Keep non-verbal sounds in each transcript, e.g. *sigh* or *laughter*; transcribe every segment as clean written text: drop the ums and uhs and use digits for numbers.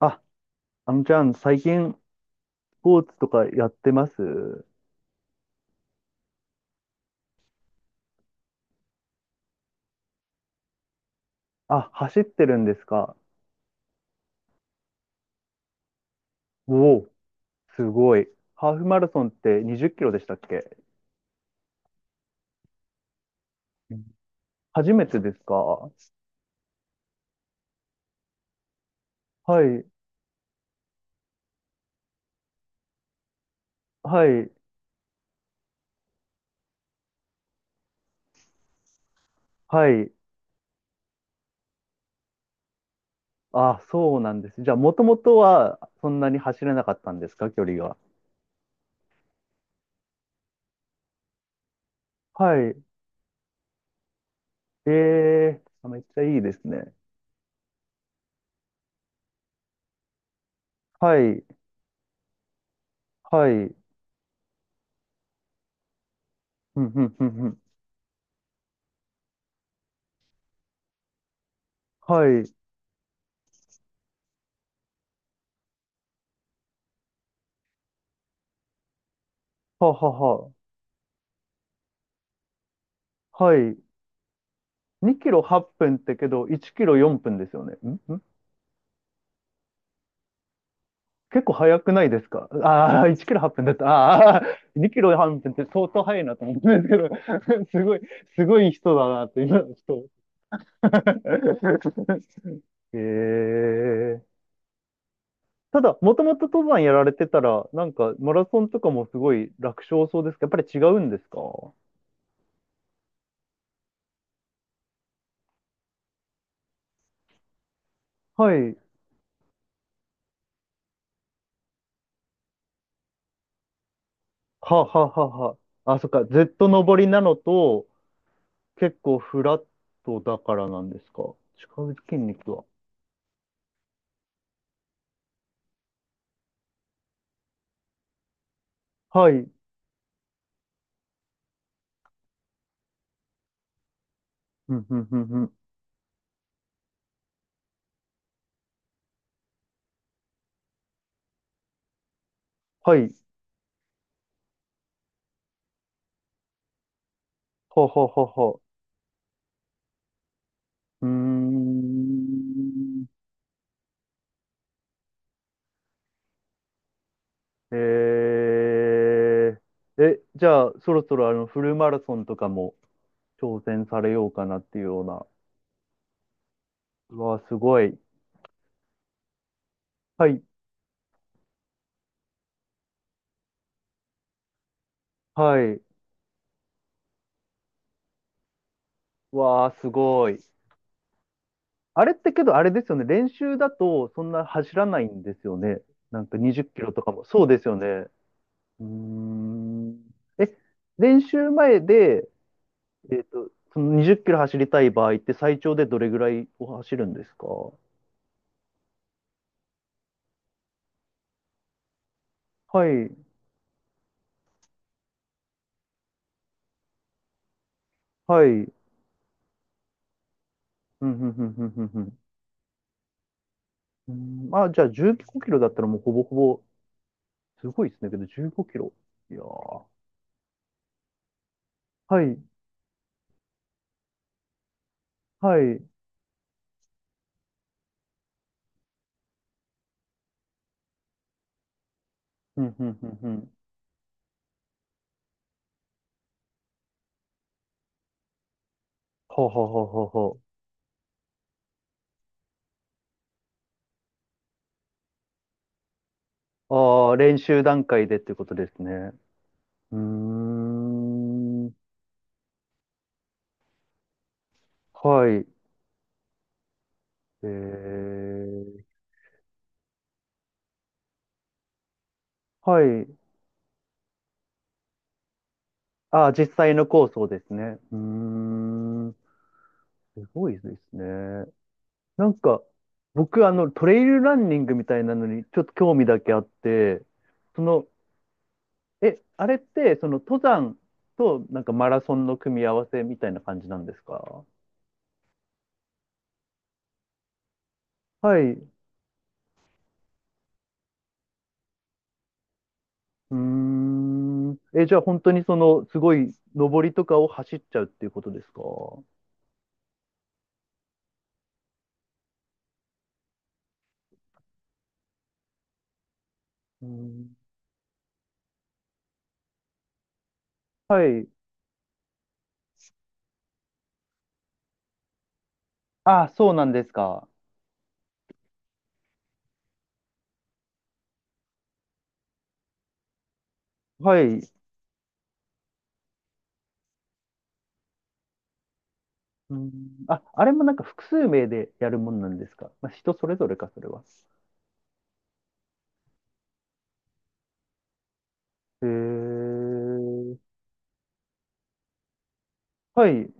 あ、あのちゃん、最近、スポーツとかやってます？あ、走ってるんですか？お、お、すごい。ハーフマラソンって20キロでしたっけ？うん、初めてですか？はい、はい、はい。あ、そうなんです。じゃあ、もともとはそんなに走れなかったんですか、距離が。はい。ええー、あ、めっちゃいいですね。はい、はい。ふんふんふんふん。はい。ははは。はい。2キロ8分ってけど、1キロ4分ですよね。結構早くないですか？ああー、1キロ8分だった。ああ、2キロ8分って相当早いなと思ったんですけど、*laughs* すごい、すごい人だなって、今の人。*laughs* ええ、ただ、もともと登山やられてたら、なんか、マラソンとかもすごい楽勝そうですけど、やっぱり違うんですか？はい。はははは。あ、そっか。ずっと登りなのと、結構フラットだからなんですか。使う筋肉は。はい。うん、うん、うん、うん。はい。ほうほうほうほう。うーん。ええ、じゃあ、そろそろフルマラソンとかも挑戦されようかなっていうような。うわー、すごい。はい、はい。わー、すごい。あれってけど、あれですよね。練習だと、そんな走らないんですよね。なんか20キロとかも。そうですよね。うーん。え、練習前で、その20キロ走りたい場合って最長でどれぐらいを走るんですか？はい、はい。うん、うん、うん、うん、うんふん。うん、あ、じゃあ15キロだったらもうほぼほぼ、すごいですね。けど15キロ。いやー。はい、はい。うん、うん、うん、うん。はあはあはあはあはあ。ああ、練習段階でってことですね。うーん。はい。えー、はい。ああ、実際のコースをですね。うーん。すごいですね。なんか、僕、トレイルランニングみたいなのに、ちょっと興味だけあって、その、え、あれって、その、登山と、なんか、マラソンの組み合わせみたいな感じなんですか？はい。うーん。え、じゃあ、本当に、その、すごい、登りとかを走っちゃうっていうことですか？うん。はい。あ、そうなんですか？はい。うん。あ、あれもなんか、複数名でやるもんなんですか？まあ、人それぞれか、それは。へえ。はい。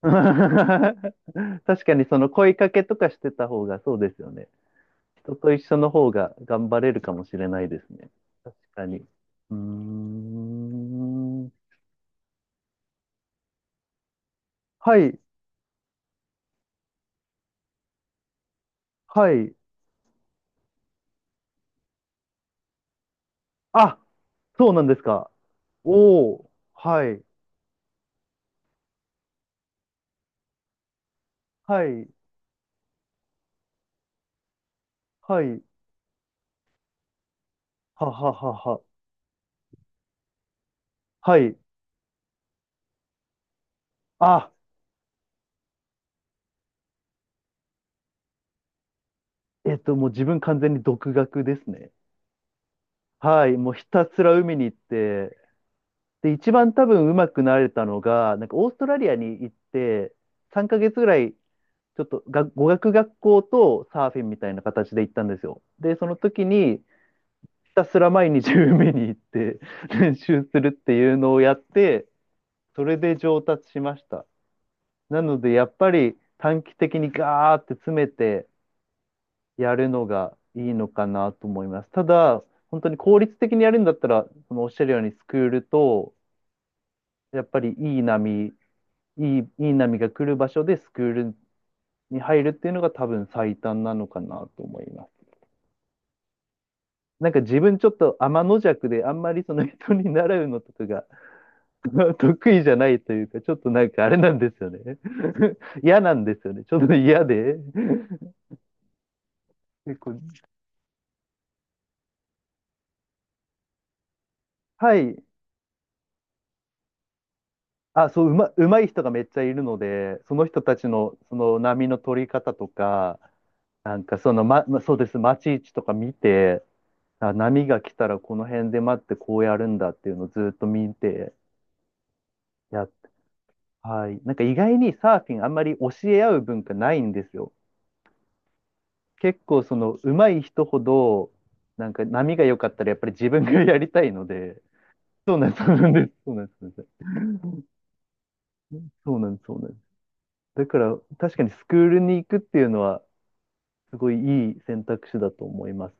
*laughs* 確かにその声かけとかしてた方がそうですよね。人と一緒の方が頑張れるかもしれないですね。確かに。うーん。はい、はい。あ、そうなんですか？おー、はい、はい、はい、はははは。はい。あ、もう自分完全に独学ですね。はい、もうひたすら海に行って、で、一番多分うまくなれたのが、なんかオーストラリアに行って、3ヶ月ぐらい、ちょっとが語学学校とサーフィンみたいな形で行ったんですよ。で、その時に、ひたすら毎日海に行って *laughs* 練習するっていうのをやって、それで上達しました。なので、やっぱり短期的にガーって詰めてやるのがいいのかなと思います。ただ、本当に効率的にやるんだったら、そのおっしゃるようにスクールと、やっぱりいい波が来る場所でスクールに入るっていうのが多分最短なのかなと思います。なんか自分ちょっと天の弱であんまりその人に習うのとかが *laughs* 得意じゃないというか、ちょっとなんかあれなんですよね *laughs*。嫌なんですよね。ちょっと嫌で *laughs*。結構、はい。あ、そう、うまい人がめっちゃいるので、その人たちのその波の取り方とか、なんかその、まそうです、待ち位置とか見て、あ、波が来たらこの辺で待ってこうやるんだっていうのをずっと見てやって、はい。なんか意外にサーフィンあんまり教え合う文化ないんですよ。結構その上手い人ほど、なんか波が良かったらやっぱり自分がやりたいので、そうなんです、そうなんです、そうなんです。そうなんです、そうなんです。だから確かにスクールに行くっていうのはすごいいい選択肢だと思います。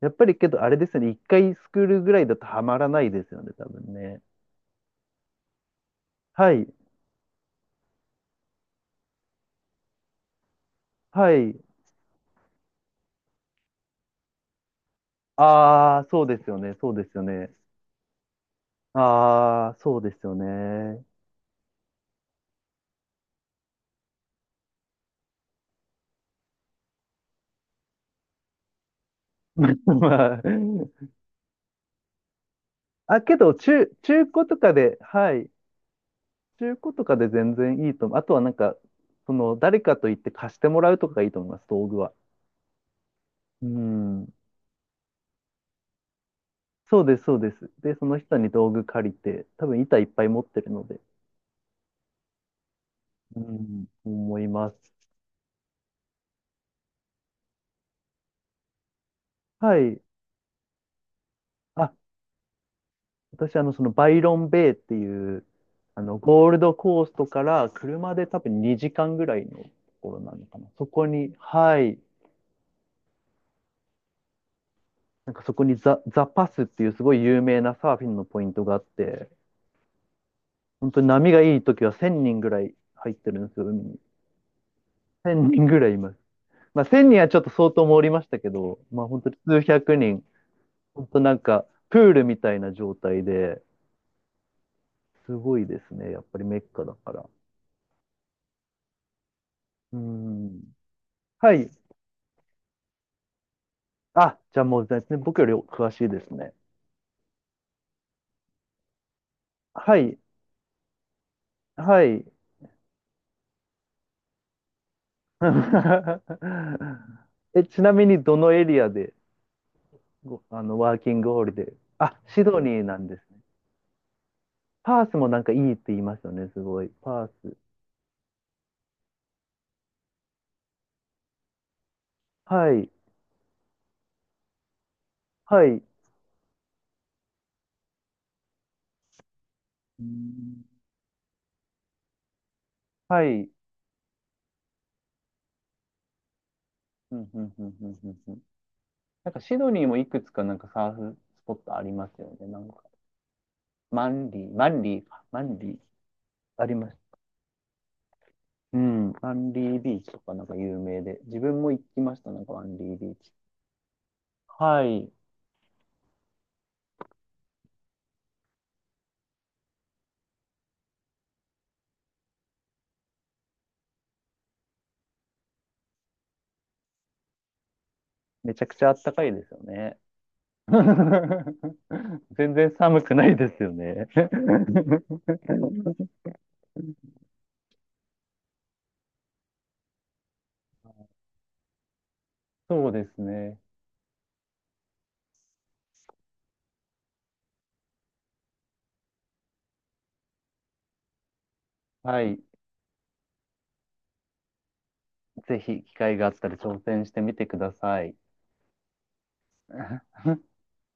やっぱりけどあれですよね、一回スクールぐらいだとハマらないですよね、多分ね。はい、はい。ああ、そうですよね、そうですよね。ああ、そうですよね。*laughs* まあ、まああ、けど、中古とかで、はい、中古とかで全然いいと思う。あとはなんか、その、誰かと言って貸してもらうとかがいいと思います、道具は。うん。そうです、そうです。で、その人に道具借りて、多分板いっぱい持ってるので、うん、思います。はい。あ、私、そのバイロンベイっていう、ゴールドコーストから車で多分2時間ぐらいのところなのかな。そこに、はい、なんかそこにザパスっていうすごい有名なサーフィンのポイントがあって、本当に波がいい時は1000人ぐらい入ってるんですよ、海に。1000人ぐらいいます。まあ1000人はちょっと相当盛りましたけど、まあ本当に数百人、本当なんかプールみたいな状態で、すごいですね、やっぱりメッカだから。うん。はい。あ、じゃあもう全然僕より詳しいですね。はい、はい。*laughs* え、ちなみにどのエリアで、ごあの、ワーキングホリデー、あ、シドニーなんですね。パースもなんかいいって言いますよね、すごい。パース。はい、はい。うーん、はい。うん、うん、うん、うん、うんうん。なんかシドニーもいくつかなんかサーフスポットありますよね、なんか。マンリー、マンリーか、マンリー。あります。うん、アンリービーチとかなんか有名で、自分も行きました、なんかアンリービーチ。はい。めちゃくちゃあったかいですよね。*laughs* 全然寒くないですよね。*laughs* そうですね。はい。ぜひ機会があったら挑戦してみてください。*laughs*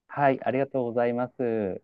はい、ありがとうございます。